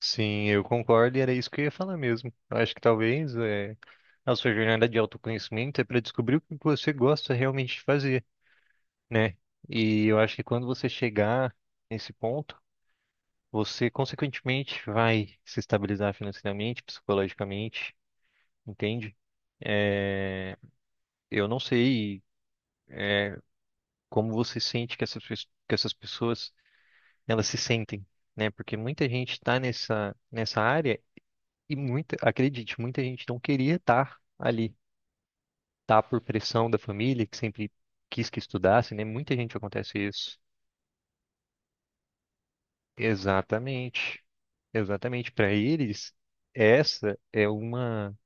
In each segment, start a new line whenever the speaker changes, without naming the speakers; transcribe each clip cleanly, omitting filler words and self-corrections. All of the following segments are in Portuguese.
Sim, eu concordo e era isso que eu ia falar mesmo. Eu acho que talvez a sua jornada de autoconhecimento é para descobrir o que você gosta realmente de fazer, né? E eu acho que quando você chegar nesse ponto, você consequentemente vai se estabilizar financeiramente, psicologicamente, entende? É, eu não sei como você sente que que essas pessoas elas se sentem, né? Porque muita gente está nessa área e muita, acredite, muita gente não queria estar ali, tá, por pressão da família, que sempre quis que estudasse, né? Muita gente acontece isso. Exatamente. Exatamente. Para eles, essa é uma,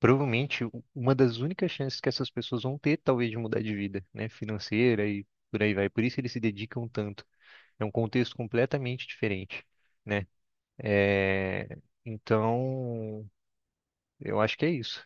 provavelmente, uma das únicas chances que essas pessoas vão ter, talvez, de mudar de vida, né? Financeira e por aí vai. Por isso eles se dedicam tanto. É um contexto completamente diferente, né? É, Então, eu acho que é isso.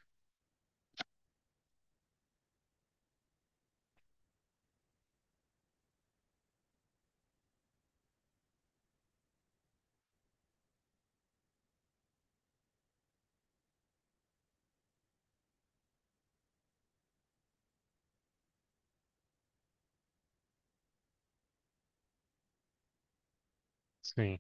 Sim,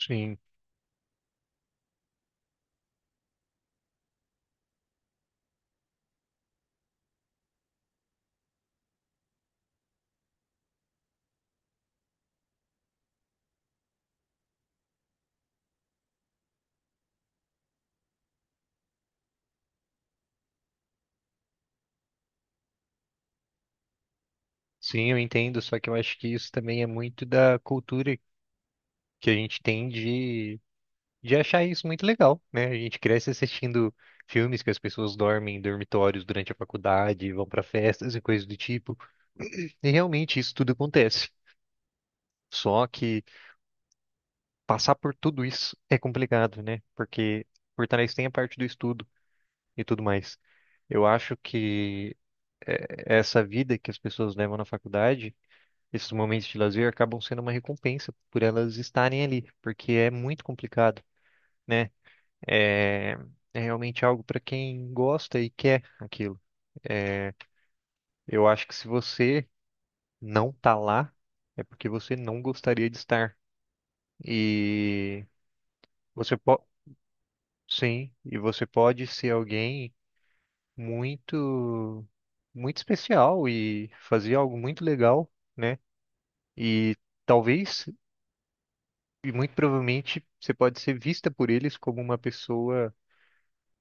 sim. Sim, eu entendo, só que eu acho que isso também é muito da cultura que a gente tem de achar isso muito legal, né? A gente cresce assistindo filmes que as pessoas dormem em dormitórios durante a faculdade, vão para festas e coisas do tipo, e realmente isso tudo acontece. Só que passar por tudo isso é complicado, né? Porque por trás tem a parte do estudo e tudo mais. Eu acho que essa vida que as pessoas levam na faculdade, esses momentos de lazer acabam sendo uma recompensa por elas estarem ali, porque é muito complicado, né? É, é realmente algo para quem gosta e quer aquilo. É, eu acho que se você não tá lá, é porque você não gostaria de estar. E você pode, sim, e você pode ser alguém muito, muito especial e fazer algo muito legal, né? E talvez, e muito provavelmente, você pode ser vista por eles como uma pessoa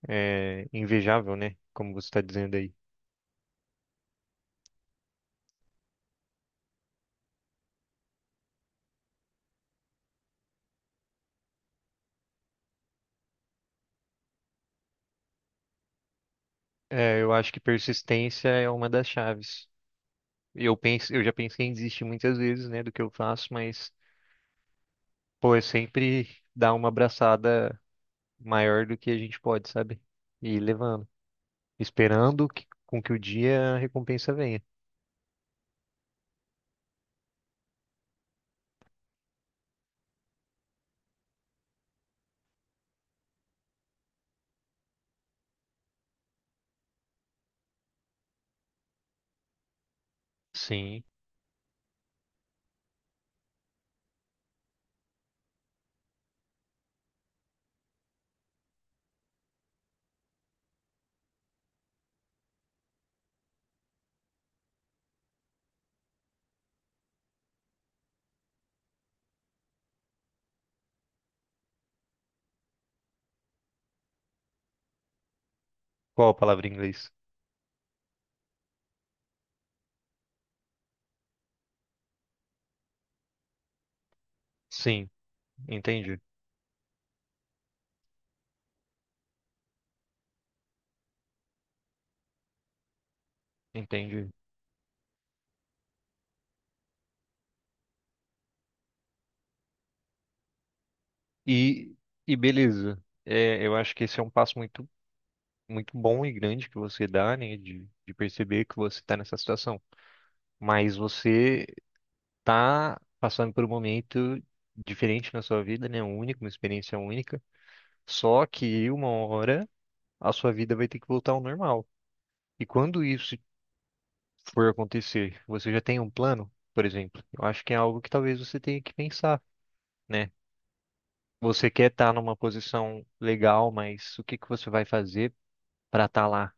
invejável, né? Como você está dizendo aí. É, eu acho que persistência é uma das chaves. E eu já pensei em desistir muitas vezes, né, do que eu faço, mas pô, é sempre dar uma abraçada maior do que a gente pode, sabe? E ir levando, esperando que, com que o dia a recompensa venha. Sim. Qual a palavra em inglês? Sim, entendi, entendi. E e beleza. É, eu acho que esse é um passo muito, muito bom e grande que você dá, né, de perceber que você está nessa situação. Mas você tá passando por um momento diferente na sua vida, né? Único, uma experiência única. Só que uma hora a sua vida vai ter que voltar ao normal. E quando isso for acontecer, você já tem um plano, por exemplo? Eu acho que é algo que talvez você tenha que pensar, né? Você quer estar numa posição legal, mas o que que você vai fazer para estar lá?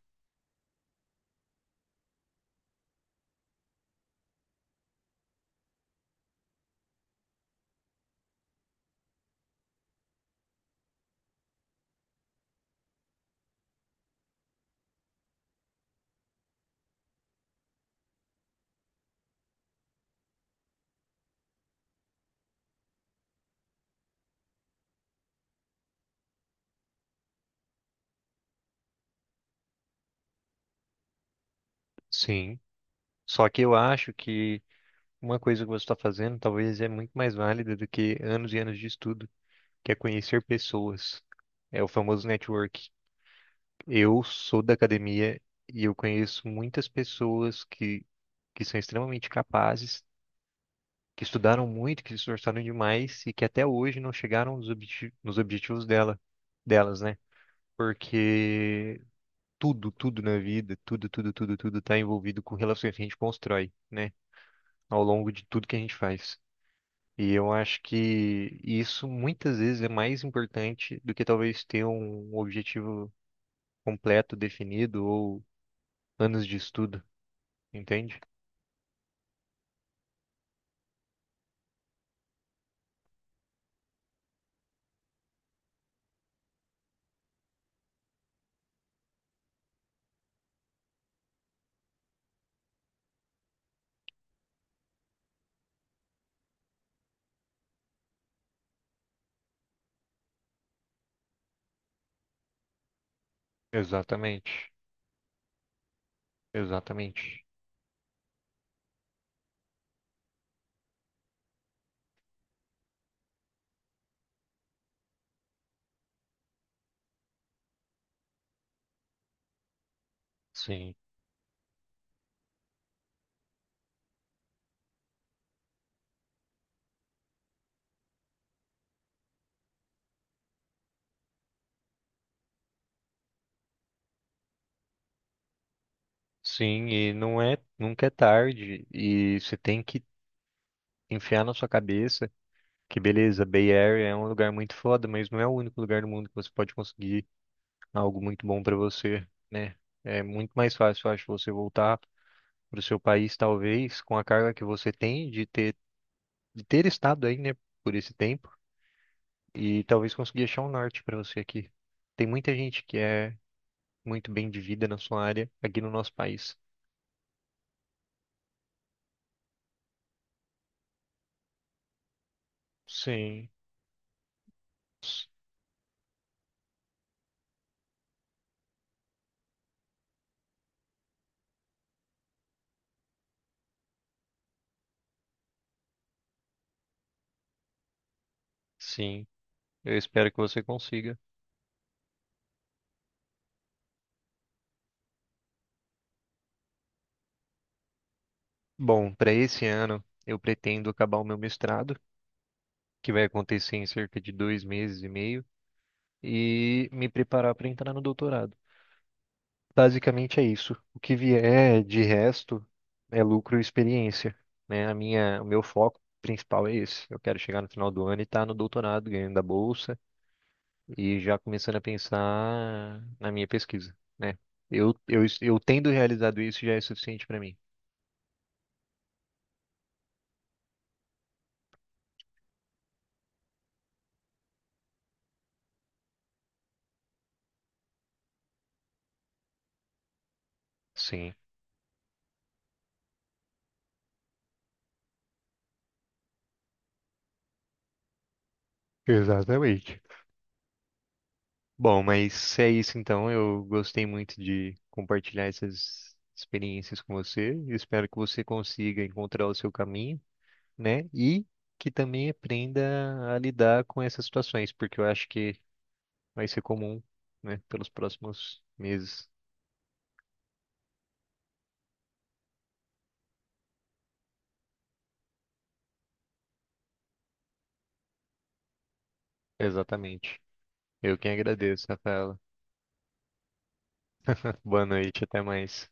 Sim. Só que eu acho que uma coisa que você está fazendo talvez é muito mais válida do que anos e anos de estudo. Que é conhecer pessoas. É o famoso network. Eu sou da academia e eu conheço muitas pessoas que são extremamente capazes, que estudaram muito, que se esforçaram demais e que até hoje não chegaram nos objetivos delas, né? Porque tudo, tudo na vida, tudo, tudo, tudo, tudo está envolvido com relações que a gente constrói, né? Ao longo de tudo que a gente faz. E eu acho que isso muitas vezes é mais importante do que talvez ter um objetivo completo, definido ou anos de estudo, entende? Exatamente, exatamente. Sim, sim, e não é, nunca é tarde, e você tem que enfiar na sua cabeça que, beleza, Bay Area é um lugar muito foda, mas não é o único lugar do mundo que você pode conseguir algo muito bom pra você, né? É muito mais fácil, eu acho, você voltar pro seu país, talvez, com a carga que você tem de ter estado aí, né, por esse tempo, e talvez conseguir achar um norte para você aqui. Tem muita gente que é muito bem de vida na sua área aqui no nosso país. Sim, s- sim. Eu espero que você consiga. Bom, para esse ano eu pretendo acabar o meu mestrado, que vai acontecer em cerca de 2 meses e meio, e me preparar para entrar no doutorado. Basicamente é isso. O que vier de resto é lucro e experiência, né? A minha, o meu foco principal é esse. Eu quero chegar no final do ano e estar no doutorado, ganhando a bolsa e já começando a pensar na minha pesquisa, né? Eu tendo realizado isso já é suficiente para mim. Sim, exatamente. Bom, mas é isso então. Eu gostei muito de compartilhar essas experiências com você. Eu espero que você consiga encontrar o seu caminho, né? E que também aprenda a lidar com essas situações, porque eu acho que vai ser comum, né, pelos próximos meses. Exatamente. Eu quem agradeço, Rafaela. Boa noite, até mais.